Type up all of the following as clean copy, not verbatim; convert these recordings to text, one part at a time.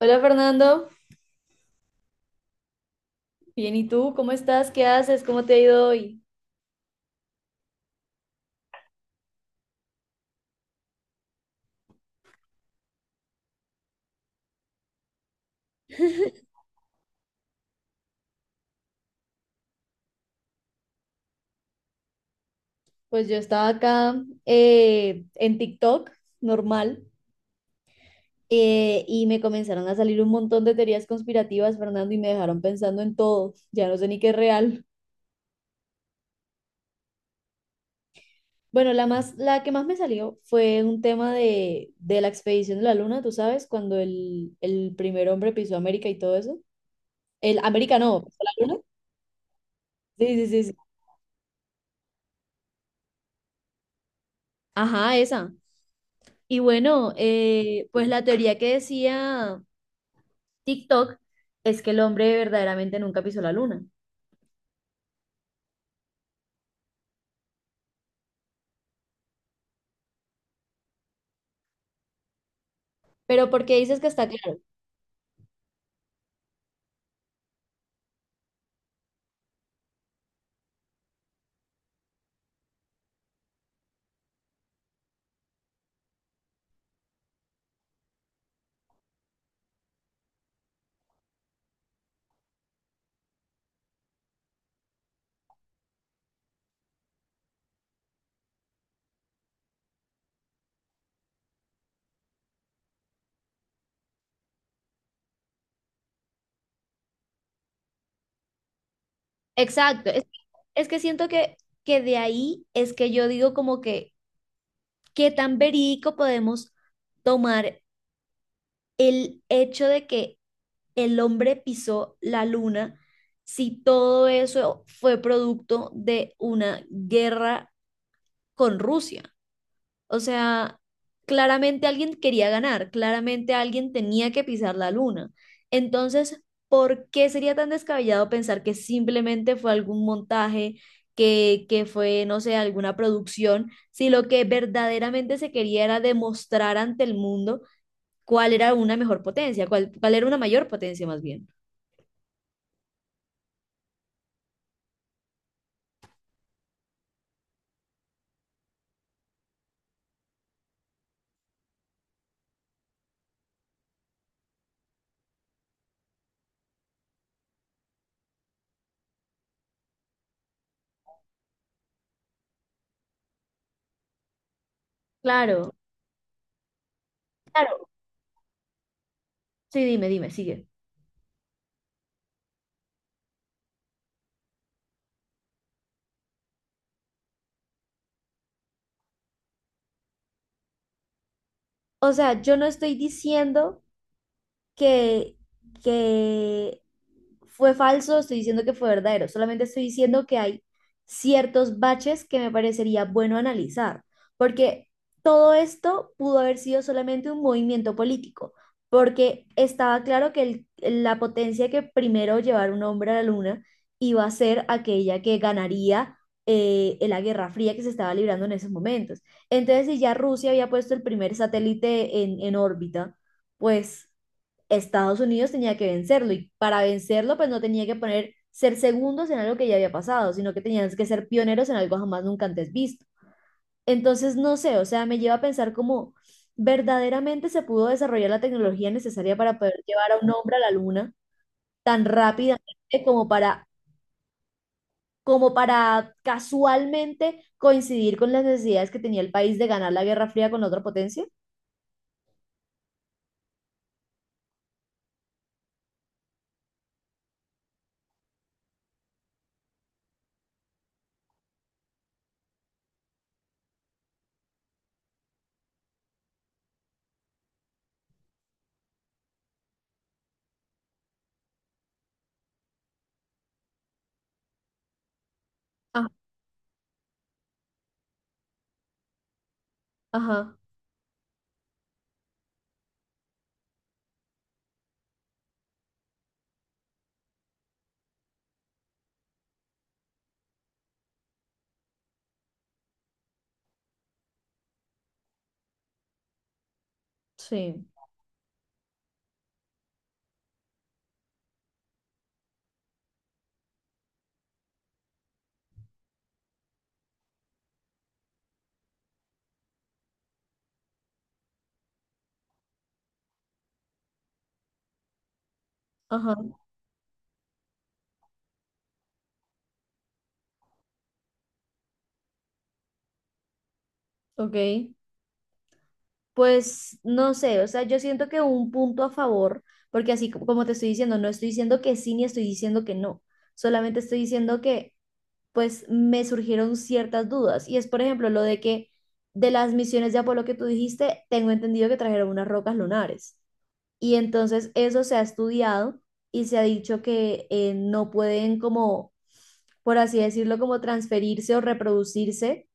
Hola, Fernando. Bien, ¿y tú? ¿Cómo estás? ¿Qué haces? ¿Cómo te ha ido hoy? Pues yo estaba acá, en TikTok, normal. Y me comenzaron a salir un montón de teorías conspirativas, Fernando, y me dejaron pensando en todo, ya no sé ni qué es real. Bueno, la más, la que más me salió fue un tema de la expedición de la Luna, tú sabes, cuando el primer hombre pisó América y todo eso. El América no, ¿pisó la Luna? Sí, sí, sí, sí. Ajá, esa. Y bueno, pues la teoría que decía TikTok es que el hombre verdaderamente nunca pisó la luna. Pero porque dices que está claro. Exacto, es que siento que de ahí es que yo digo como que qué tan verídico podemos tomar el hecho de que el hombre pisó la luna si todo eso fue producto de una guerra con Rusia. O sea, claramente alguien quería ganar, claramente alguien tenía que pisar la luna. Entonces, ¿por qué sería tan descabellado pensar que simplemente fue algún montaje, que fue, no sé, alguna producción, si lo que verdaderamente se quería era demostrar ante el mundo cuál era una mejor potencia, cuál, cuál era una mayor potencia más bien? Claro, claro. Sí, dime, dime, sigue. O sea, yo no estoy diciendo que, que fue falso, estoy diciendo que fue verdadero, solamente estoy diciendo que hay ciertos baches que me parecería bueno analizar, porque todo esto pudo haber sido solamente un movimiento político, porque estaba claro que el- la potencia que primero llevar un hombre a la luna iba a ser aquella que ganaría, en la Guerra Fría que se estaba librando en esos momentos. Entonces, si ya Rusia había puesto el primer satélite en órbita, pues Estados Unidos tenía que vencerlo y para vencerlo pues no tenía que poner ser segundos en algo que ya había pasado, sino que tenían que ser pioneros en algo jamás nunca antes visto. Entonces, no sé, o sea, me lleva a pensar cómo verdaderamente se pudo desarrollar la tecnología necesaria para poder llevar a un hombre a la luna tan rápidamente como para, como para casualmente coincidir con las necesidades que tenía el país de ganar la Guerra Fría con la otra potencia. Ah, ajá, sí, ajá, ok. Pues no sé, o sea, yo siento que un punto a favor, porque así co- como te estoy diciendo, no estoy diciendo que sí ni estoy diciendo que no, solamente estoy diciendo que pues me surgieron ciertas dudas y es por ejemplo lo de que de las misiones de Apolo que tú dijiste, tengo entendido que trajeron unas rocas lunares y entonces eso se ha estudiado y se ha dicho que no pueden como, por así decirlo, como transferirse o reproducirse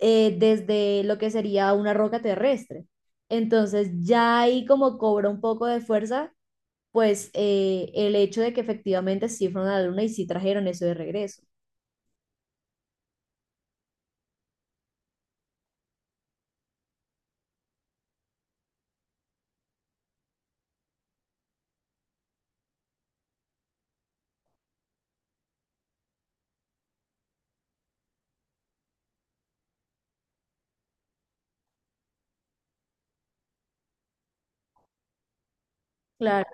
desde lo que sería una roca terrestre. Entonces ya ahí como cobra un poco de fuerza, pues el hecho de que efectivamente sí fueron a la luna y sí trajeron eso de regreso. Claro,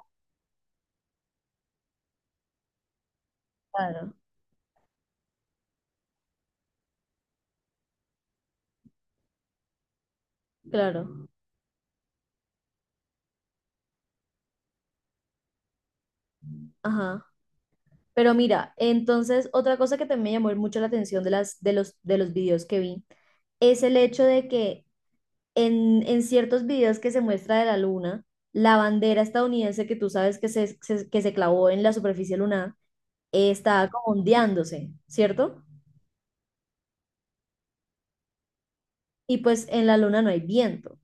claro, claro. Ajá. Pero mira, entonces otra cosa que también me llamó mucho la atención de las, de los videos que vi es el hecho de que en ciertos videos que se muestra de la luna, la bandera estadounidense que tú sabes que se- que se clavó en la superficie lunar, está como ondeándose, ¿cierto? Y pues en la luna no hay viento.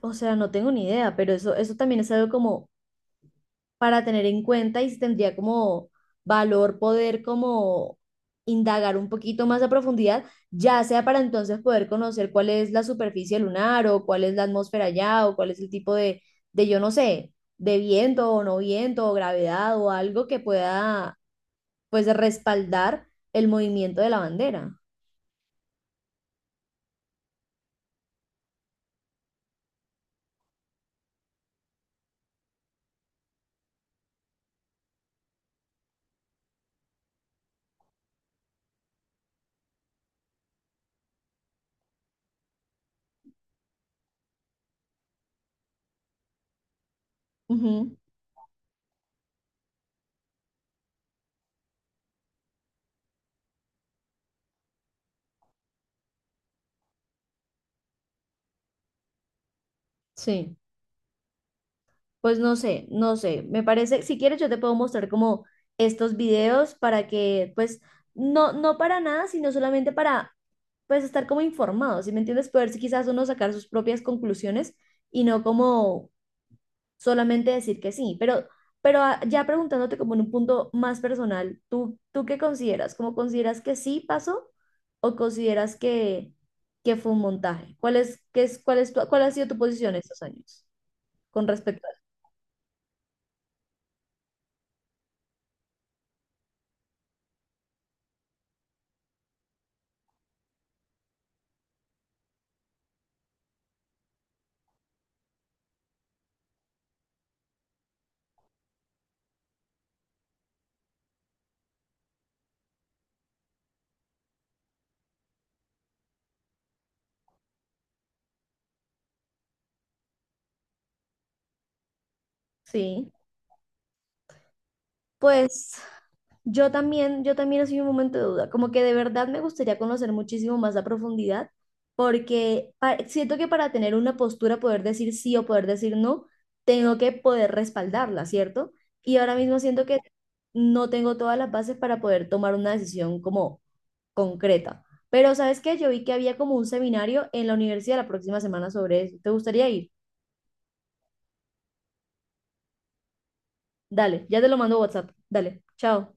O sea, no tengo ni idea, pero eso también es algo como para tener en cuenta y si tendría como valor poder como indagar un poquito más a profundidad, ya sea para entonces poder conocer cuál es la superficie lunar o cuál es la atmósfera allá o cuál es el tipo de yo no sé, de viento o no viento o gravedad o algo que pueda pues respaldar el movimiento de la bandera. Ujú, sí. Pues no sé, no sé. Me parece, si quieres, yo te puedo mostrar como estos videos para que, pues, no, no para nada, sino solamente para, pues, estar como informados, ¿sí me entiendes? Poder si quizás uno sacar sus propias conclusiones y no como solamente decir que sí. Pero ah, ya preguntándote como en un punto más personal, ¿tú, tú qué consideras? ¿Cómo consideras que sí pasó o consideras que fue un montaje? ¿Cuál es, qué es, cuál es tu- cuál ha sido tu posición estos años con respecto a... Sí. Pues yo también soy un momento de duda, como que de verdad me gustaría conocer muchísimo más a profundidad, porque pa- siento que para tener una postura, poder decir sí o poder decir no, tengo que poder respaldarla, ¿cierto? Y ahora mismo siento que no tengo todas las bases para poder tomar una decisión como concreta. Pero ¿sabes qué? Yo vi que había como un seminario en la universidad la próxima semana sobre eso. ¿Te gustaría ir? Dale, ya te lo mando a WhatsApp. Dale, chao.